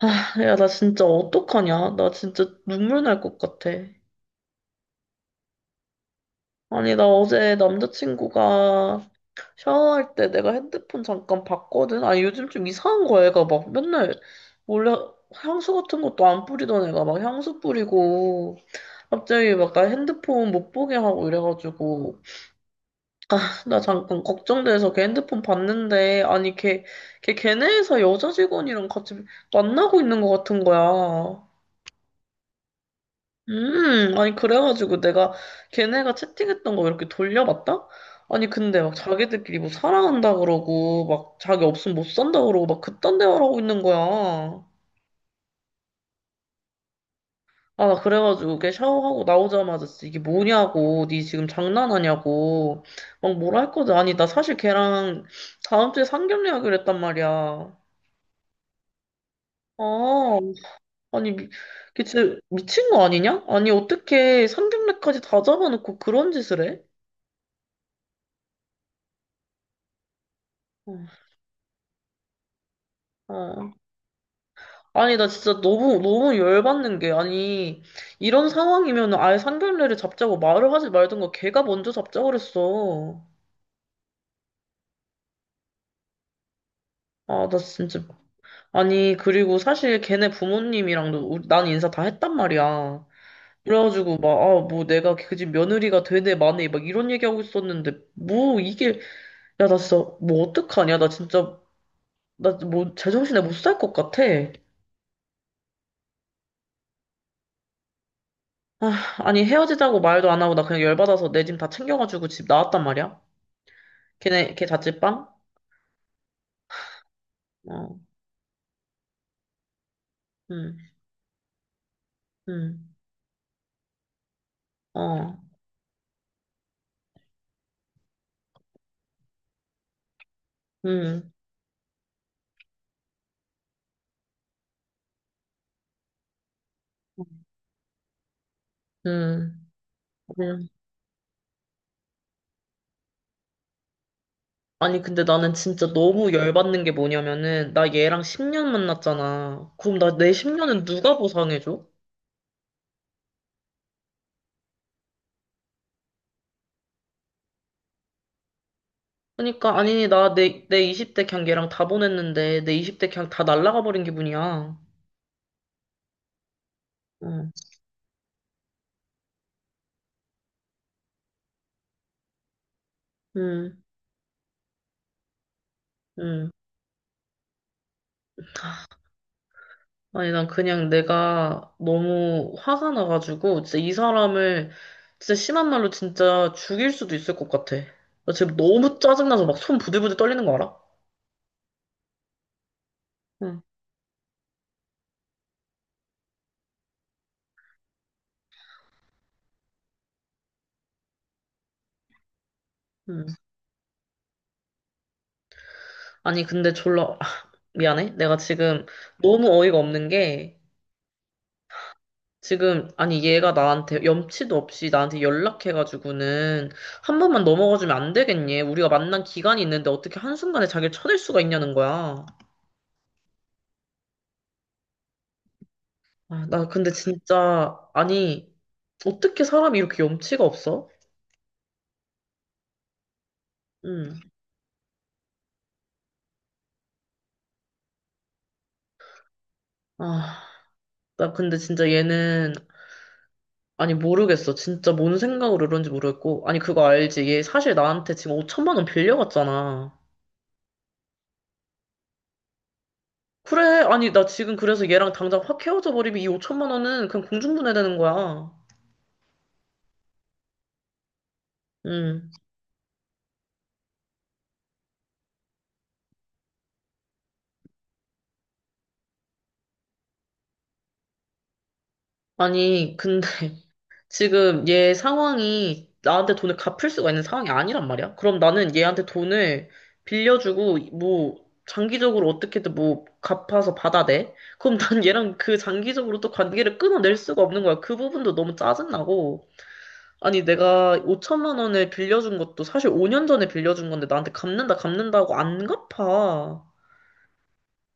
아, 야, 나 진짜 어떡하냐? 나 진짜 눈물 날 것 같아. 아니, 나 어제 남자친구가 샤워할 때 내가 핸드폰 잠깐 봤거든? 아니, 요즘 좀 이상한 거야, 얘가 막 맨날 원래 향수 같은 것도 안 뿌리던 애가 막 향수 뿌리고 갑자기 막 나 핸드폰 못 보게 하고 이래가지고 아, 나 잠깐 걱정돼서 걔 핸드폰 봤는데 아니, 걔, 걔 걔네 회사 여자 직원이랑 같이 만나고 있는 것 같은 거야. 아니, 그래가지고 내가 걔네가 채팅했던 거 이렇게 돌려봤다? 아니, 근데 막 자기들끼리 뭐 사랑한다 그러고, 막 자기 없으면 못 산다 그러고, 막 그딴 대화를 하고 있는 거야. 아, 나 그래가지고 걔 샤워하고 나오자마자 진짜 이게 뭐냐고, 니 지금 장난하냐고, 막 뭐라 했거든. 아니, 나 사실 걔랑 다음 주에 상견례하기로 했단 말이야. 아, 아니, 걔 진짜 미친 거 아니냐? 아니, 어떻게 상견례까지 다 잡아놓고 그런 짓을 해? 어. 어. 아니, 나 진짜 너무, 너무 열받는 게, 아니, 이런 상황이면 아예 상견례를 잡자고 말을 하지 말든가 걔가 먼저 잡자고 그랬어. 아, 나 진짜. 아니, 그리고 사실 걔네 부모님이랑도 난 인사 다 했단 말이야. 그래가지고 막, 아, 뭐 내가 그 집 며느리가 되네, 마네, 막 이런 얘기하고 있었는데, 뭐 이게, 야, 나 진짜, 뭐 어떡하냐. 나 진짜, 나 뭐 제정신에 못 살 것 같아. 아, 아니, 헤어지자고 말도 안 하고 나 그냥 열받아서 내 짐 다 챙겨가지고 집 나왔단 말이야. 걔네, 걔 자취방? 어, 음, 음, 어, 음, 음, 음. 아니, 근데 나는 진짜 너무 열받는 게 뭐냐면은, 나 얘랑 10년 만났잖아. 그럼 나 내 10년은 누가 보상해줘? 그러니까, 아니, 나 내 20대 그냥 얘랑 다 보냈는데, 내 20대 그냥 다 날라가 버린 기분이야. 응, 응, 응. 아니, 난 그냥 내가 너무 화가 나가지고, 진짜 이 사람을, 진짜 심한 말로 진짜 죽일 수도 있을 것 같아. 나 지금 너무 짜증나서 막 손 부들부들 떨리는 거 알아? 응, 응. 아니, 근데 졸라, 아, 미안해. 내가 지금 너무 어이가 없는 게, 지금, 아니, 얘가 나한테 염치도 없이 나한테 연락해가지고는, 한 번만 넘어가주면 안 되겠니? 우리가 만난 기간이 있는데 어떻게 한순간에 자기를 쳐낼 수가 있냐는 거야. 아, 나 근데 진짜, 아니, 어떻게 사람이 이렇게 염치가 없어? 응. 아, 나 근데 진짜 얘는, 아니, 모르겠어. 진짜 뭔 생각으로 이런지 모르겠고. 아니, 그거 알지? 얘 사실 나한테 지금 5천만 원 빌려갔잖아. 그래, 아니, 나 지금 그래서 얘랑 당장 확 헤어져 버리면 이 5천만 원은 그냥 공중분해되는 거야. 응. 아니, 근데 지금 얘 상황이 나한테 돈을 갚을 수가 있는 상황이 아니란 말이야. 그럼 나는 얘한테 돈을 빌려주고 뭐 장기적으로 어떻게든 뭐 갚아서 받아내. 그럼 난 얘랑 그 장기적으로 또 관계를 끊어낼 수가 없는 거야. 그 부분도 너무 짜증나고. 아니 내가 5천만 원을 빌려준 것도 사실 5년 전에 빌려준 건데 나한테 갚는다 갚는다고 안 갚아.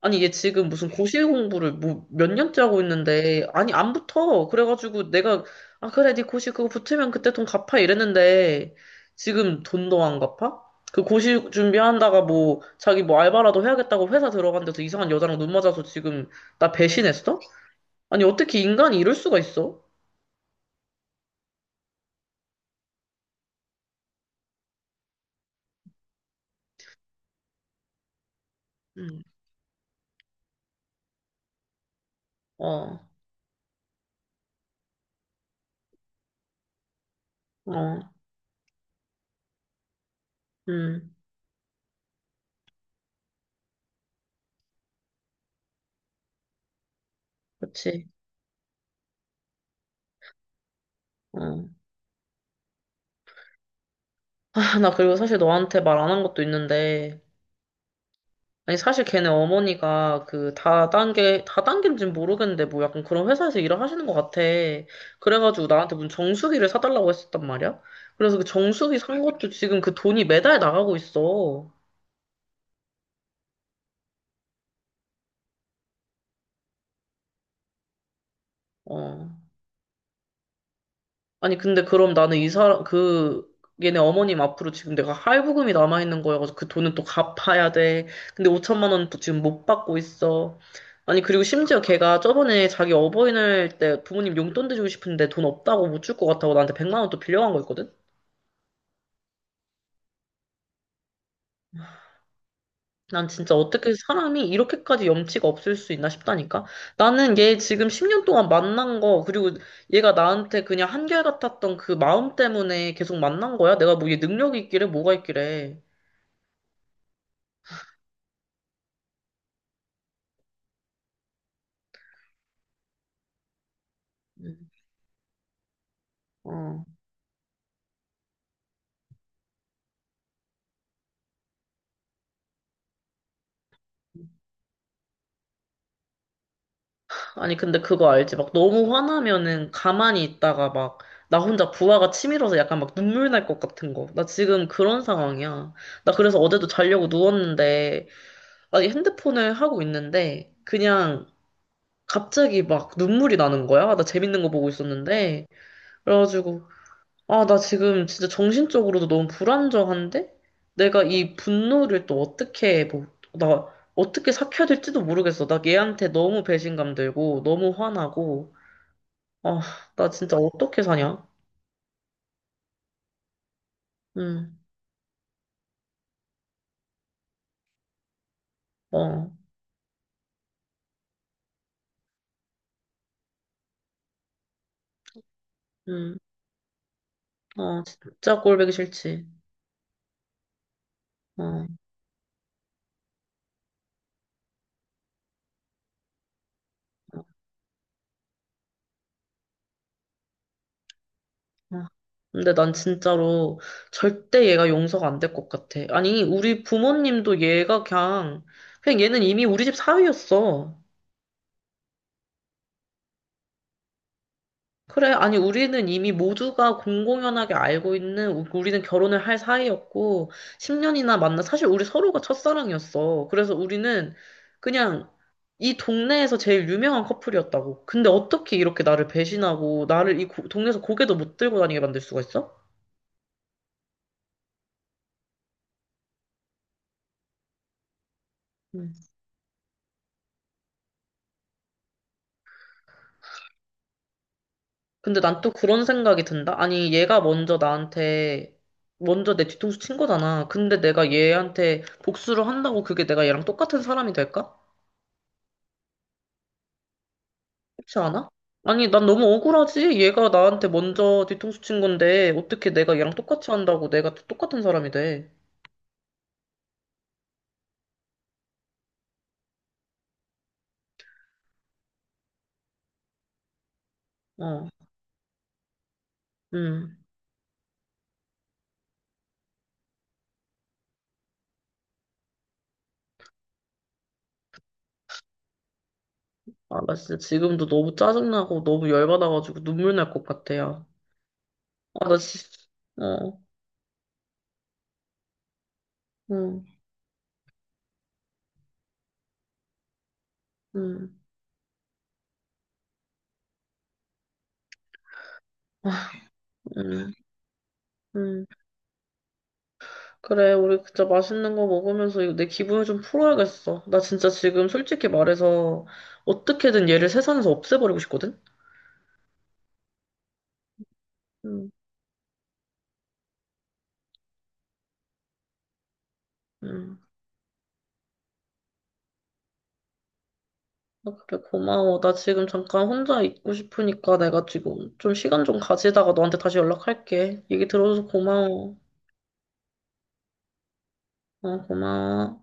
아니, 얘 지금 무슨 고실 공부를 뭐 몇 년째 하고 있는데, 아니, 안 붙어. 그래가지고 내가, 아, 그래, 네 고실 그거 붙으면 그때 돈 갚아 이랬는데, 지금 돈도 안 갚아? 그 고실 준비한다가 뭐, 자기 뭐 알바라도 해야겠다고 회사 들어간 데서 이상한 여자랑 눈 맞아서 지금 나 배신했어? 아니, 어떻게 인간이 이럴 수가 있어? 음, 어, 어, 음, 그치. 어. 아, 나 그리고 사실 너한테 말 안 한 것도 있는데, 아니, 사실 걔네 어머니가 그 다단계, 다단계인지는 모르겠는데, 뭐 약간 그런 회사에서 일을 하시는 것 같아. 그래가지고 나한테 무슨 정수기를 사달라고 했었단 말이야? 그래서 그 정수기 산 것도 지금 그 돈이 매달 나가고 있어. 어. 아니, 근데 그럼 나는 이 사람, 그, 얘네 어머님 앞으로 지금 내가 할부금이 남아있는 거여가지고 그 돈은 또 갚아야 돼. 근데 5천만 원 지금 못 받고 있어. 아니, 그리고 심지어 걔가 저번에 자기 어버이날 때 부모님 용돈 드리고 싶은데 돈 없다고 못 줄 것 같다고 나한테 100만 원 또 빌려간 거 있거든? 난 진짜 어떻게 사람이 이렇게까지 염치가 없을 수 있나 싶다니까? 나는 얘 지금 10년 동안 만난 거, 그리고 얘가 나한테 그냥 한결같았던 그 마음 때문에 계속 만난 거야? 내가 뭐 얘 능력이 있길래 뭐가 있길래. 어. 아니, 근데 그거 알지? 막 너무 화나면은 가만히 있다가 막 나 혼자 부하가 치밀어서 약간 막 눈물 날 것 같은 거. 나 지금 그런 상황이야. 나 그래서 어제도 자려고 누웠는데, 아니, 핸드폰을 하고 있는데, 그냥 갑자기 막 눈물이 나는 거야. 나 재밌는 거 보고 있었는데. 그래가지고, 아, 나 지금 진짜 정신적으로도 너무 불안정한데? 내가 이 분노를 또 어떻게, 뭐, 나 어떻게 삭혀야 될지도 모르겠어. 나 얘한테 너무 배신감 들고, 너무 화나고. 아, 나 진짜 어떻게 사냐? 응, 어, 응, 어, 진짜 꼴보기 싫지. 어, 어. 어. 근데 난 진짜로 절대 얘가 용서가 안 될 것 같아. 아니, 우리 부모님도 얘가 그냥, 그냥 얘는 이미 우리 집 사위였어. 그래, 아니, 우리는 이미 모두가 공공연하게 알고 있는, 우리는 결혼을 할 사이였고, 10년이나 만나, 사실 우리 서로가 첫사랑이었어. 그래서 우리는 그냥 이 동네에서 제일 유명한 커플이었다고. 근데 어떻게 이렇게 나를 배신하고, 나를 이 동네에서 고개도 못 들고 다니게 만들 수가 있어? 음. 근데 난 또 그런 생각이 든다. 아니, 얘가 먼저 나한테, 먼저 내 뒤통수 친 거잖아. 근데 내가 얘한테 복수를 한다고 그게 내가 얘랑 똑같은 사람이 될까? 그렇지 않아? 아니, 난 너무 억울하지? 얘가 나한테 먼저 뒤통수 친 건데, 어떻게 내가 얘랑 똑같이 한다고 내가 또 똑같은 사람이 돼? 어, 음. 아, 나 진짜 지금도 너무 짜증나고 너무 열받아가지고 눈물 날 것 같아, 요 아, 나 진짜, 어, 음, 음, 아, 음, 음. 그래, 우리 진짜 맛있는 거 먹으면서 이거 내 기분을 좀 풀어야겠어. 나 진짜 지금 솔직히 말해서 어떻게든 얘를 세상에서 없애버리고 싶거든? 음, 음. 아, 그래, 고마워. 나 지금 잠깐 혼자 있고 싶으니까 내가 지금 좀 시간 좀 가지다가 너한테 다시 연락할게. 얘기 들어줘서 고마워. 어, 고마워.